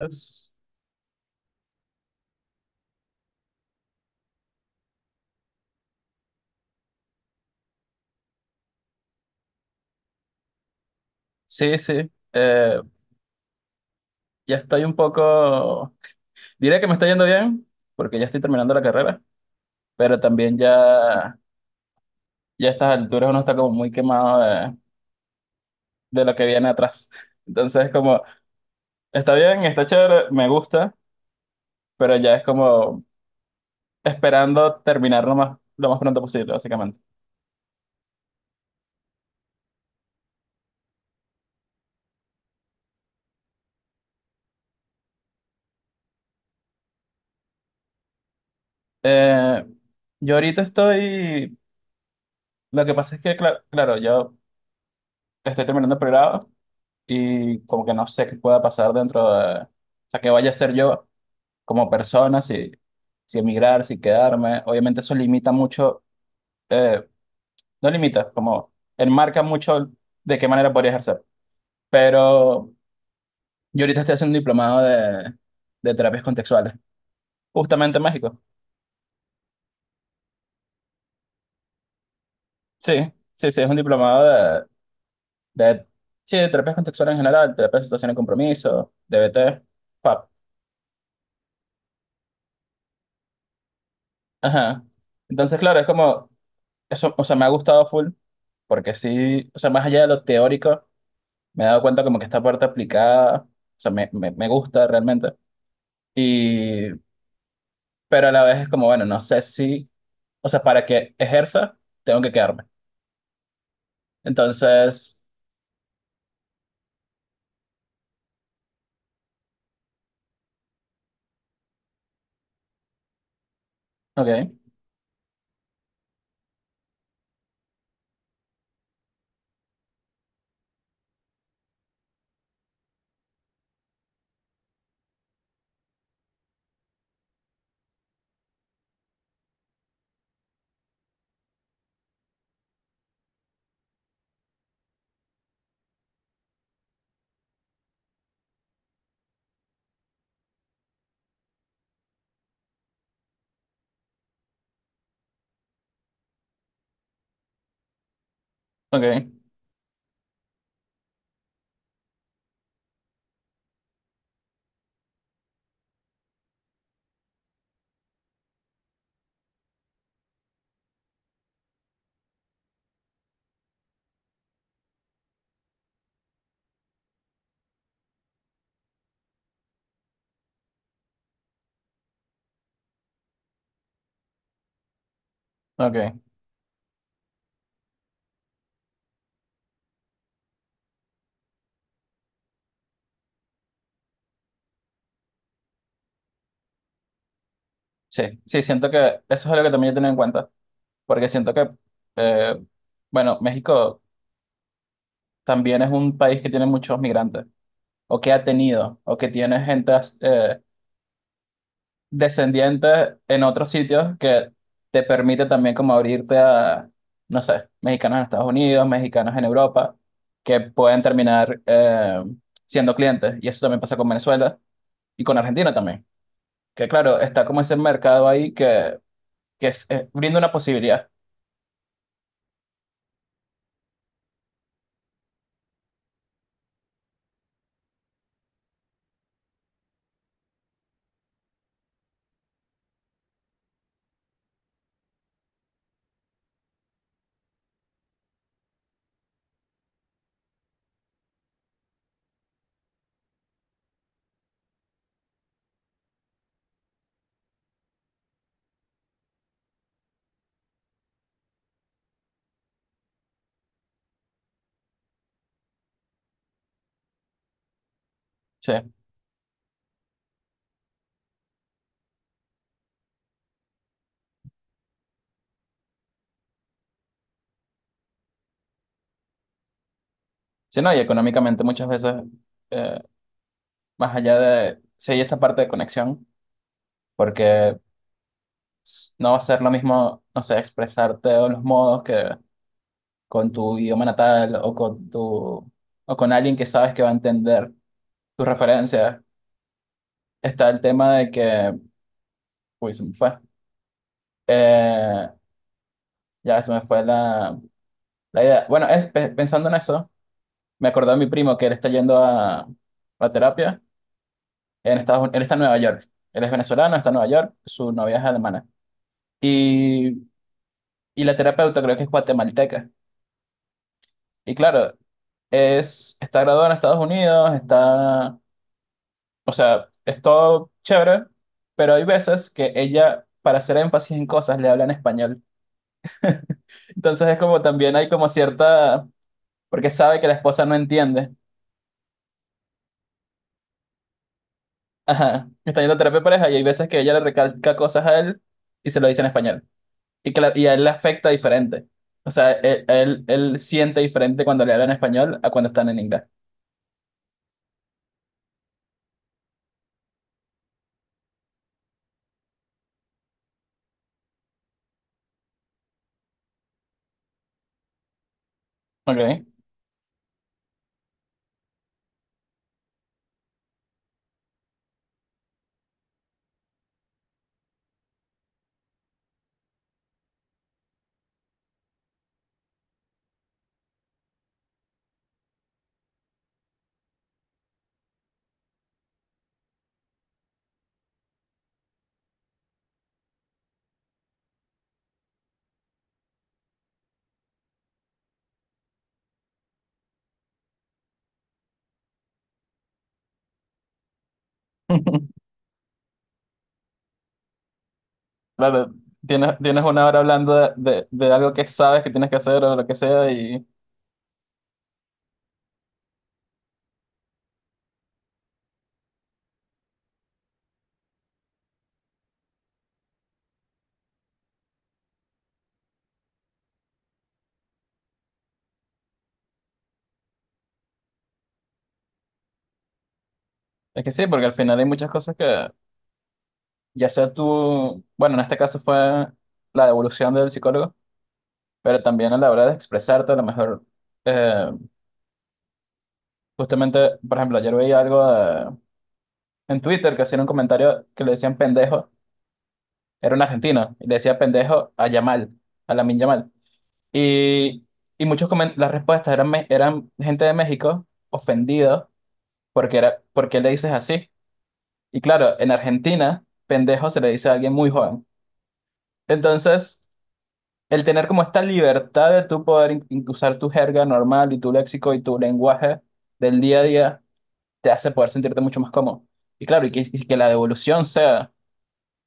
Es- Sí, sí. Eh, ya estoy un poco. Diré que me está yendo bien, porque ya estoy terminando la carrera, pero también ya a estas alturas uno está como muy quemado de lo que viene atrás. Entonces, como, está bien, está chévere, me gusta, pero ya es como esperando terminar lo más pronto posible, básicamente. Eh, yo ahorita estoy. Lo que pasa es que, claro, yo estoy terminando el pregrado y como que no sé qué pueda pasar dentro de. O sea, qué vaya a ser yo como persona, si emigrar, si quedarme. Obviamente eso limita mucho, eh, no limita, como enmarca mucho de qué manera podría ejercer. Pero yo ahorita estoy haciendo un diplomado de terapias contextuales, justamente en México. Sí, sí, sí, es un diplomado de, sí, de terapias contextuales en general, terapia de situación de compromiso, DBT, PAP. Ajá. Entonces, claro, es como, eso, o sea, me ha gustado full, porque sí, o sea, más allá de lo teórico me he dado cuenta como que esta parte aplicada, o sea, me gusta realmente. Y, pero a la vez es como, bueno, no sé si, o sea, para que ejerza, tengo que quedarme. Entonces, ok, ok, ok. Sí, sí, siento que eso es algo que también he tenido en cuenta, porque siento que, eh, bueno, México también es un país que tiene muchos migrantes, o que ha tenido, o que tiene gente, eh, descendientes en otros sitios que te permite también como abrirte a, no sé, mexicanos en Estados Unidos, mexicanos en Europa, que pueden terminar siendo clientes. Y eso también pasa con Venezuela y con Argentina también. Que claro, está como ese mercado ahí que brinda una posibilidad. Sí. Sí, no, y económicamente muchas veces, eh, más allá de, sí hay esta parte de conexión, porque no va a ser lo mismo, no sé, expresarte o los modos que con tu idioma natal o con tu o con alguien que sabes que va a entender tus referencias. Está el tema de que, uy, se me fue. Eh, ya se me fue la idea. Bueno, pensando en eso, me acordé de mi primo que él está yendo a terapia en Estados Unidos. Él está en Nueva York. Él es venezolano, está en Nueva York, su novia es alemana. Y, y la terapeuta creo que es guatemalteca. Y claro, es, está graduado en Estados Unidos, está. O sea, es todo chévere, pero hay veces que ella, para hacer énfasis en cosas, le habla en español. Entonces es como también hay como cierta, porque sabe que la esposa no entiende. Ajá, está yendo a terapia de pareja y hay veces que ella le recalca cosas a él y se lo dice en español. Que y a él le afecta diferente. O sea, él siente diferente cuando le hablan en español a cuando están en inglés. Ok. Claro, tienes una hora hablando de algo que sabes que tienes que hacer o lo que sea. Y es que sí, porque al final hay muchas cosas que... Ya sea tú, bueno, en este caso fue la devolución del psicólogo, pero también a la hora de expresarte, a lo mejor, eh, justamente, por ejemplo, ayer veía algo en Twitter que hacían un comentario que le decían pendejo, era un argentino, y le decía pendejo a Yamal, a Lamin Yamal. Y, y muchos las respuestas eran gente de México ofendido porque era, ¿por qué le dices así? Y claro, en Argentina, pendejo se le dice a alguien muy joven. Entonces, el tener como esta libertad de tú poder usar tu jerga normal y tu léxico y tu lenguaje del día a día te hace poder sentirte mucho más cómodo. Y claro, y y que la devolución sea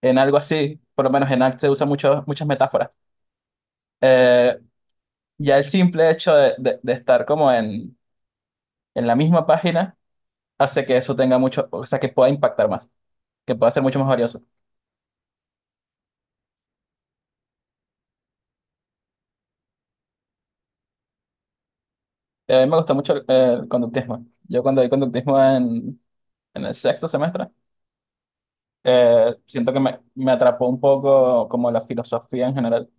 en algo así, por lo menos en arte se usa mucho, muchas metáforas. Eh, ya el simple hecho de estar como en la misma página hace que eso tenga mucho, o sea, que pueda impactar más, que pueda ser mucho más valioso. A mí me gusta mucho el conductismo. Yo cuando di conductismo en el sexto semestre, siento que me atrapó un poco como la filosofía en general.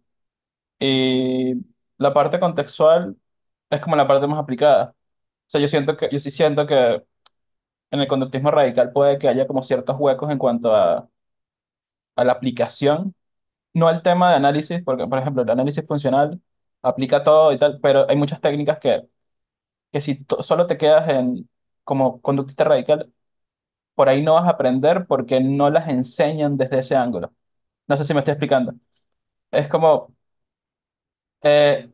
Y la parte contextual es como la parte más aplicada. O sea, yo siento que, yo sí siento que en el conductismo radical puede que haya como ciertos huecos en cuanto a la aplicación, no al tema de análisis, porque por ejemplo el análisis funcional aplica todo y tal, pero hay muchas técnicas que si solo te quedas en como conductista radical, por ahí no vas a aprender porque no las enseñan desde ese ángulo. No sé si me estoy explicando. Es como. Eh,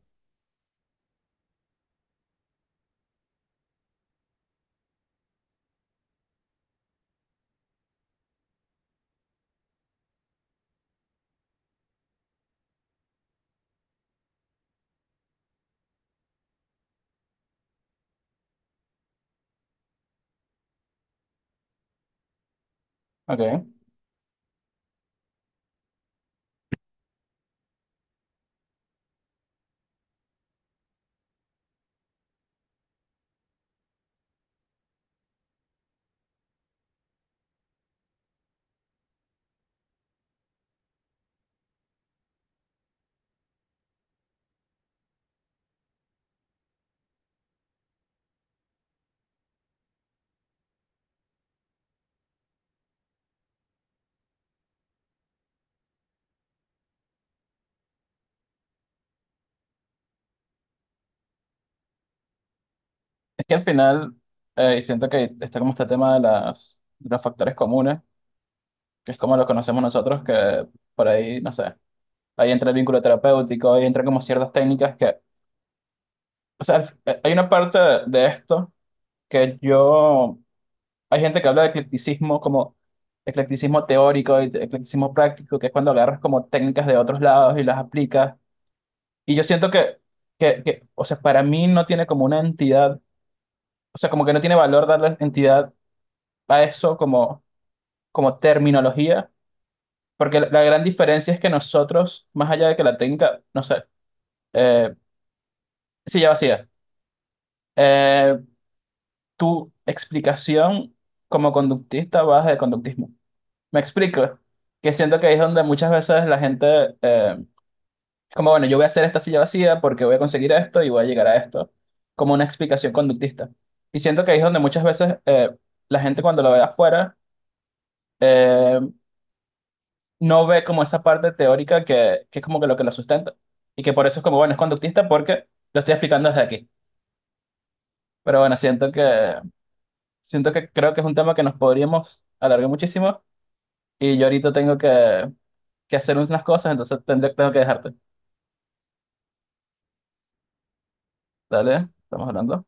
ok. Es que al final, y siento que está como este tema de, de los factores comunes, que es como lo conocemos nosotros, que por ahí, no sé, ahí entra el vínculo terapéutico, ahí entra como ciertas técnicas que, o sea, hay una parte de esto que yo, hay gente que habla de eclecticismo como eclecticismo teórico y eclecticismo práctico, que es cuando agarras como técnicas de otros lados y las aplicas. Y yo siento que, o sea, para mí no tiene como una entidad, o sea, como que no tiene valor darle entidad a eso como, como terminología, porque la gran diferencia es que nosotros, más allá de que la técnica, no sé, eh, silla vacía, eh, tu explicación como conductista va de conductismo. ¿Me explico? Que siento que ahí es donde muchas veces la gente, eh, es como, bueno, yo voy a hacer esta silla vacía porque voy a conseguir esto y voy a llegar a esto, como una explicación conductista. Y siento que ahí es donde muchas veces la gente cuando lo ve afuera, eh, no ve como esa parte teórica que es como que lo sustenta. Y que por eso es como, bueno, es conductista porque lo estoy explicando desde aquí. Pero bueno, siento que creo que es un tema que nos podríamos alargar muchísimo. Y yo ahorita tengo que hacer unas cosas, entonces tendré, tengo que dejarte. Dale, estamos hablando.